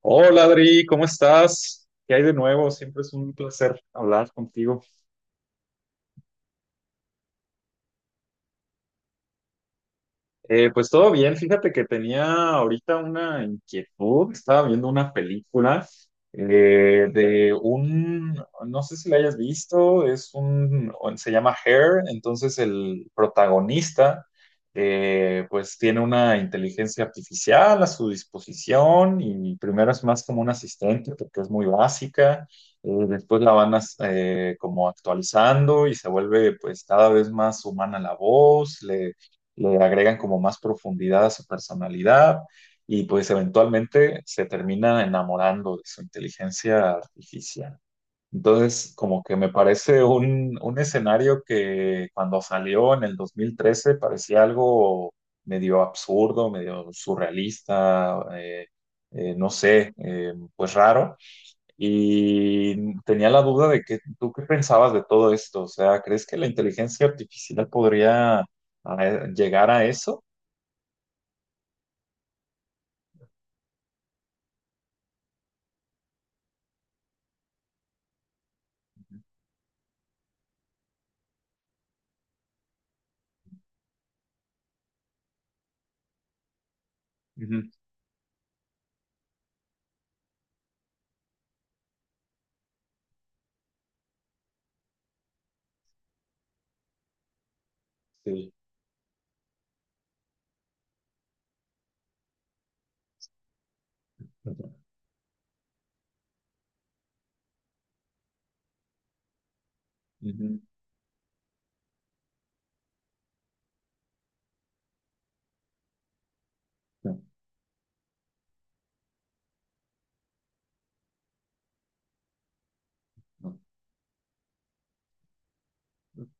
Hola Adri, ¿cómo estás? ¿Qué hay de nuevo? Siempre es un placer hablar contigo. Pues todo bien, fíjate que tenía ahorita una inquietud. Estaba viendo una película eh, de un, no sé si la hayas visto, se llama Hair. Entonces el protagonista pues tiene una inteligencia artificial a su disposición, y primero es más como un asistente porque es muy básica. Después la van como actualizando y se vuelve pues cada vez más humana la voz. Le agregan como más profundidad a su personalidad, y pues eventualmente se termina enamorando de su inteligencia artificial. Entonces, como que me parece un escenario que cuando salió en el 2013 parecía algo medio absurdo, medio surrealista. No sé, pues raro. Y tenía la duda de que tú qué pensabas de todo esto. O sea, ¿crees que la inteligencia artificial podría llegar a eso? Ujú. Sí. Ujú.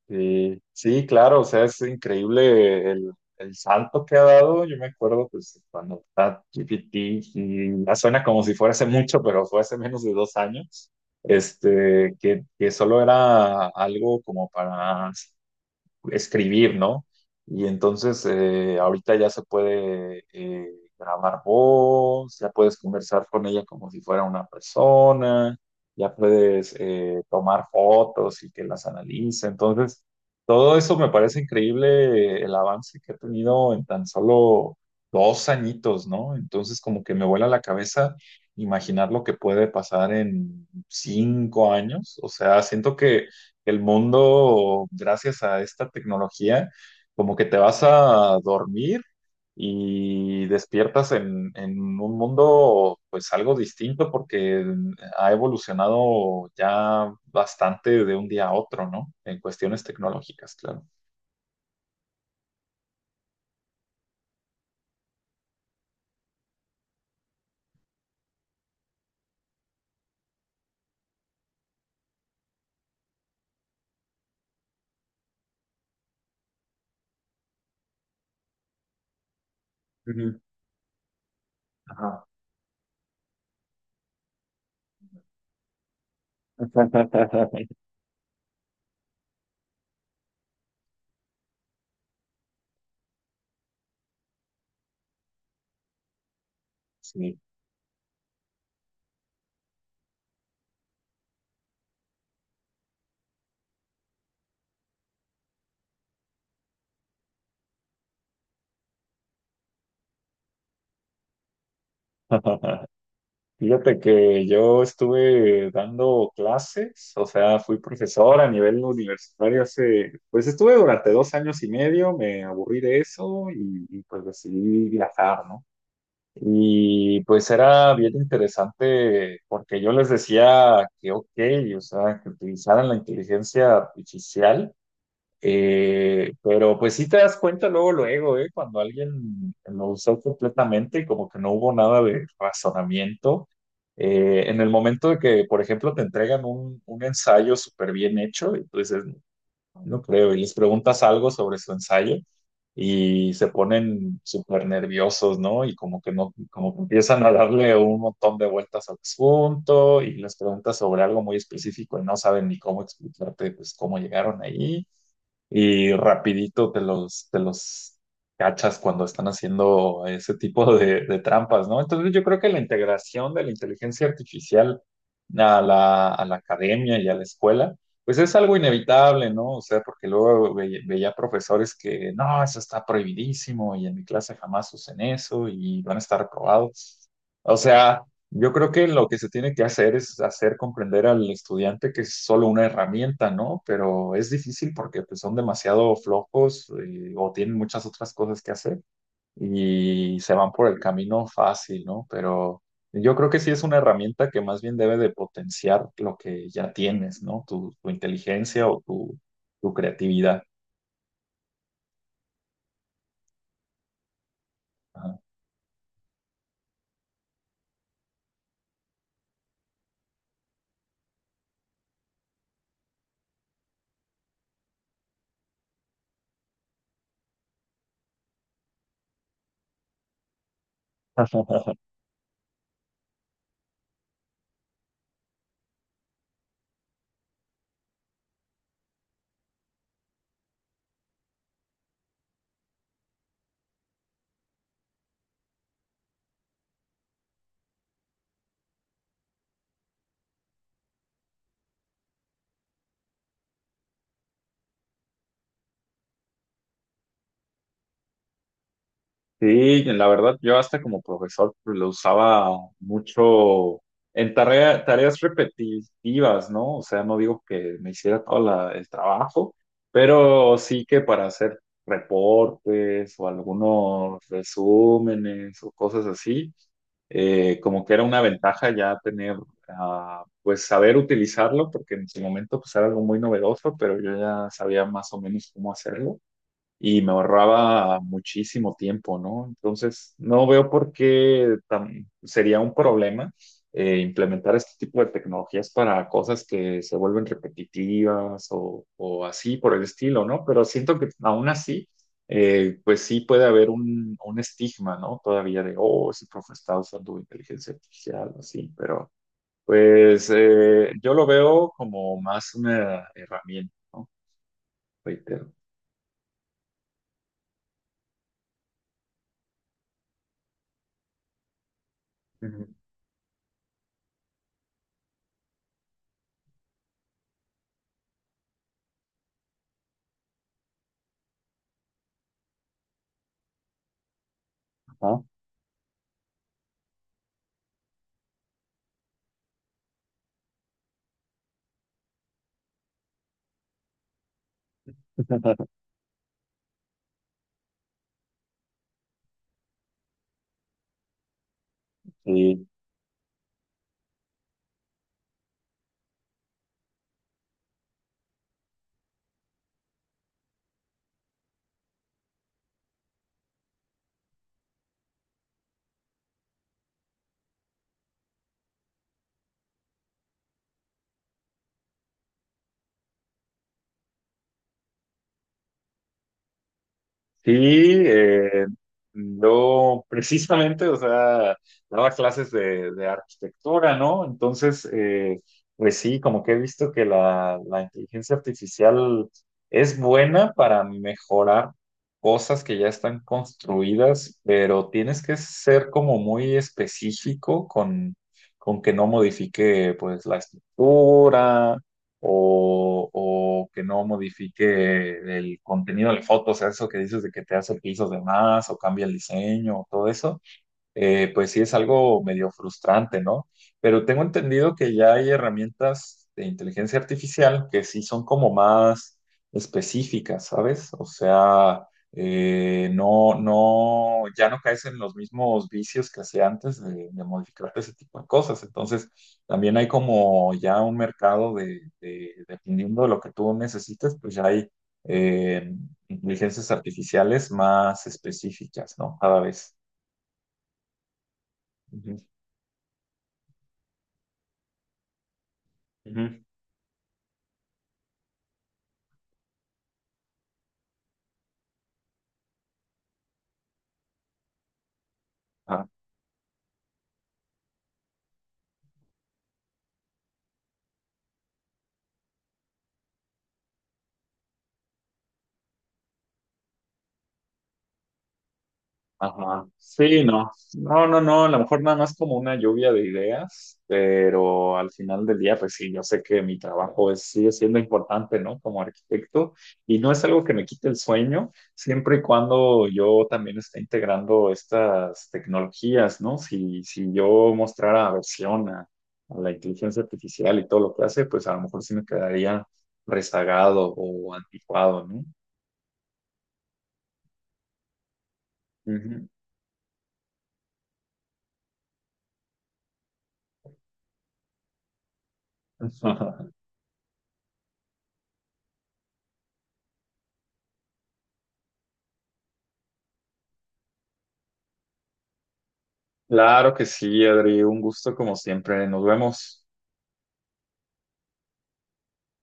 Sí, sí, claro, o sea, es increíble el salto que ha dado. Yo me acuerdo, pues, cuando ChatGPT, y ya suena como si fuera hace mucho, pero fue hace menos de 2 años, este, que solo era algo como para escribir, ¿no? Y entonces ahorita ya se puede grabar voz, ya puedes conversar con ella como si fuera una persona, ya puedes tomar fotos y que las analice. Entonces, todo eso me parece increíble el avance que ha tenido en tan solo 2 añitos, ¿no? Entonces, como que me vuela la cabeza imaginar lo que puede pasar en 5 años. O sea, siento que el mundo, gracias a esta tecnología, como que te vas a dormir y despiertas en un mundo pues algo distinto porque ha evolucionado ya bastante de un día a otro, ¿no? En cuestiones tecnológicas, claro. Ujú. Ajá. Sí. Fíjate que yo estuve dando clases, o sea, fui profesor a nivel universitario hace, pues estuve durante 2 años y medio, me aburrí de eso pues decidí viajar, ¿no? Y pues era bien interesante porque yo les decía que, ok, o sea, que utilizaran la inteligencia artificial, pero pues sí te das cuenta luego, luego, cuando alguien lo usó completamente, como que no hubo nada de razonamiento. En el momento de que, por ejemplo, te entregan un ensayo súper bien hecho, y tú dices, no creo, y les preguntas algo sobre su ensayo y se ponen súper nerviosos, ¿no? Y como que no, como que empiezan a darle un montón de vueltas al asunto y les preguntas sobre algo muy específico y no saben ni cómo explicarte, pues, cómo llegaron ahí, y rapidito te los cachas cuando están haciendo ese tipo de trampas, ¿no? Entonces yo creo que la integración de la inteligencia artificial a la academia y a la escuela, pues es algo inevitable, ¿no? O sea, porque luego veía profesores que, no, eso está prohibidísimo y en mi clase jamás usen eso y van a estar reprobados. O sea. Yo creo que lo que se tiene que hacer es hacer comprender al estudiante que es solo una herramienta, ¿no? Pero es difícil porque pues, son demasiado flojos, o tienen muchas otras cosas que hacer, y se van por el camino fácil, ¿no? Pero yo creo que sí es una herramienta que más bien debe de potenciar lo que ya tienes, ¿no? Tu inteligencia o tu creatividad. Ajá. Sí, la verdad, yo hasta como profesor pues, lo usaba mucho en tareas repetitivas, ¿no? O sea, no digo que me hiciera todo el trabajo, pero sí que para hacer reportes o algunos resúmenes o cosas así, como que era una ventaja ya tener, pues saber utilizarlo, porque en su momento pues era algo muy novedoso, pero yo ya sabía más o menos cómo hacerlo y me ahorraba muchísimo tiempo, ¿no? Entonces, no veo por qué sería un problema implementar este tipo de tecnologías para cosas que se vuelven repetitivas o, así por el estilo, ¿no? Pero siento que aún así, pues sí puede haber un estigma, ¿no? Todavía de, oh, ese profe está usando inteligencia artificial, así, pero pues yo lo veo como más una herramienta, ¿no? Reitero. Ujú. Ajá. Sí. Sí, eh, yo precisamente, o sea, daba clases de arquitectura, ¿no? Entonces, pues sí, como que he visto que la inteligencia artificial es buena para mejorar cosas que ya están construidas, pero tienes que ser como muy específico con que no modifique, pues, la estructura, o que no modifique el contenido de la foto. O sea, eso que dices de que te hace pisos de más o cambia el diseño o todo eso, pues sí es algo medio frustrante, ¿no? Pero tengo entendido que ya hay herramientas de inteligencia artificial que sí son como más específicas, ¿sabes? O sea, no, no, ya no caes en los mismos vicios que hacía antes de modificarte ese tipo de cosas. Entonces, también hay como ya un mercado dependiendo de lo que tú necesites, pues ya hay eh, inteligencias artificiales más específicas, ¿no? Cada vez. Ujú. Ujú. Ah, ajá. Sí, no. No, no, no. A lo mejor nada más como una lluvia de ideas, pero al final del día, pues sí, yo sé que mi trabajo es, sigue siendo importante, ¿no? Como arquitecto, y no es algo que me quite el sueño, siempre y cuando yo también esté integrando estas tecnologías, ¿no? Si, si yo mostrara aversión a la inteligencia artificial y todo lo que hace, pues a lo mejor sí me quedaría rezagado o anticuado, ¿no? Ujú. Claro que sí, Adri, un gusto como siempre. Nos vemos.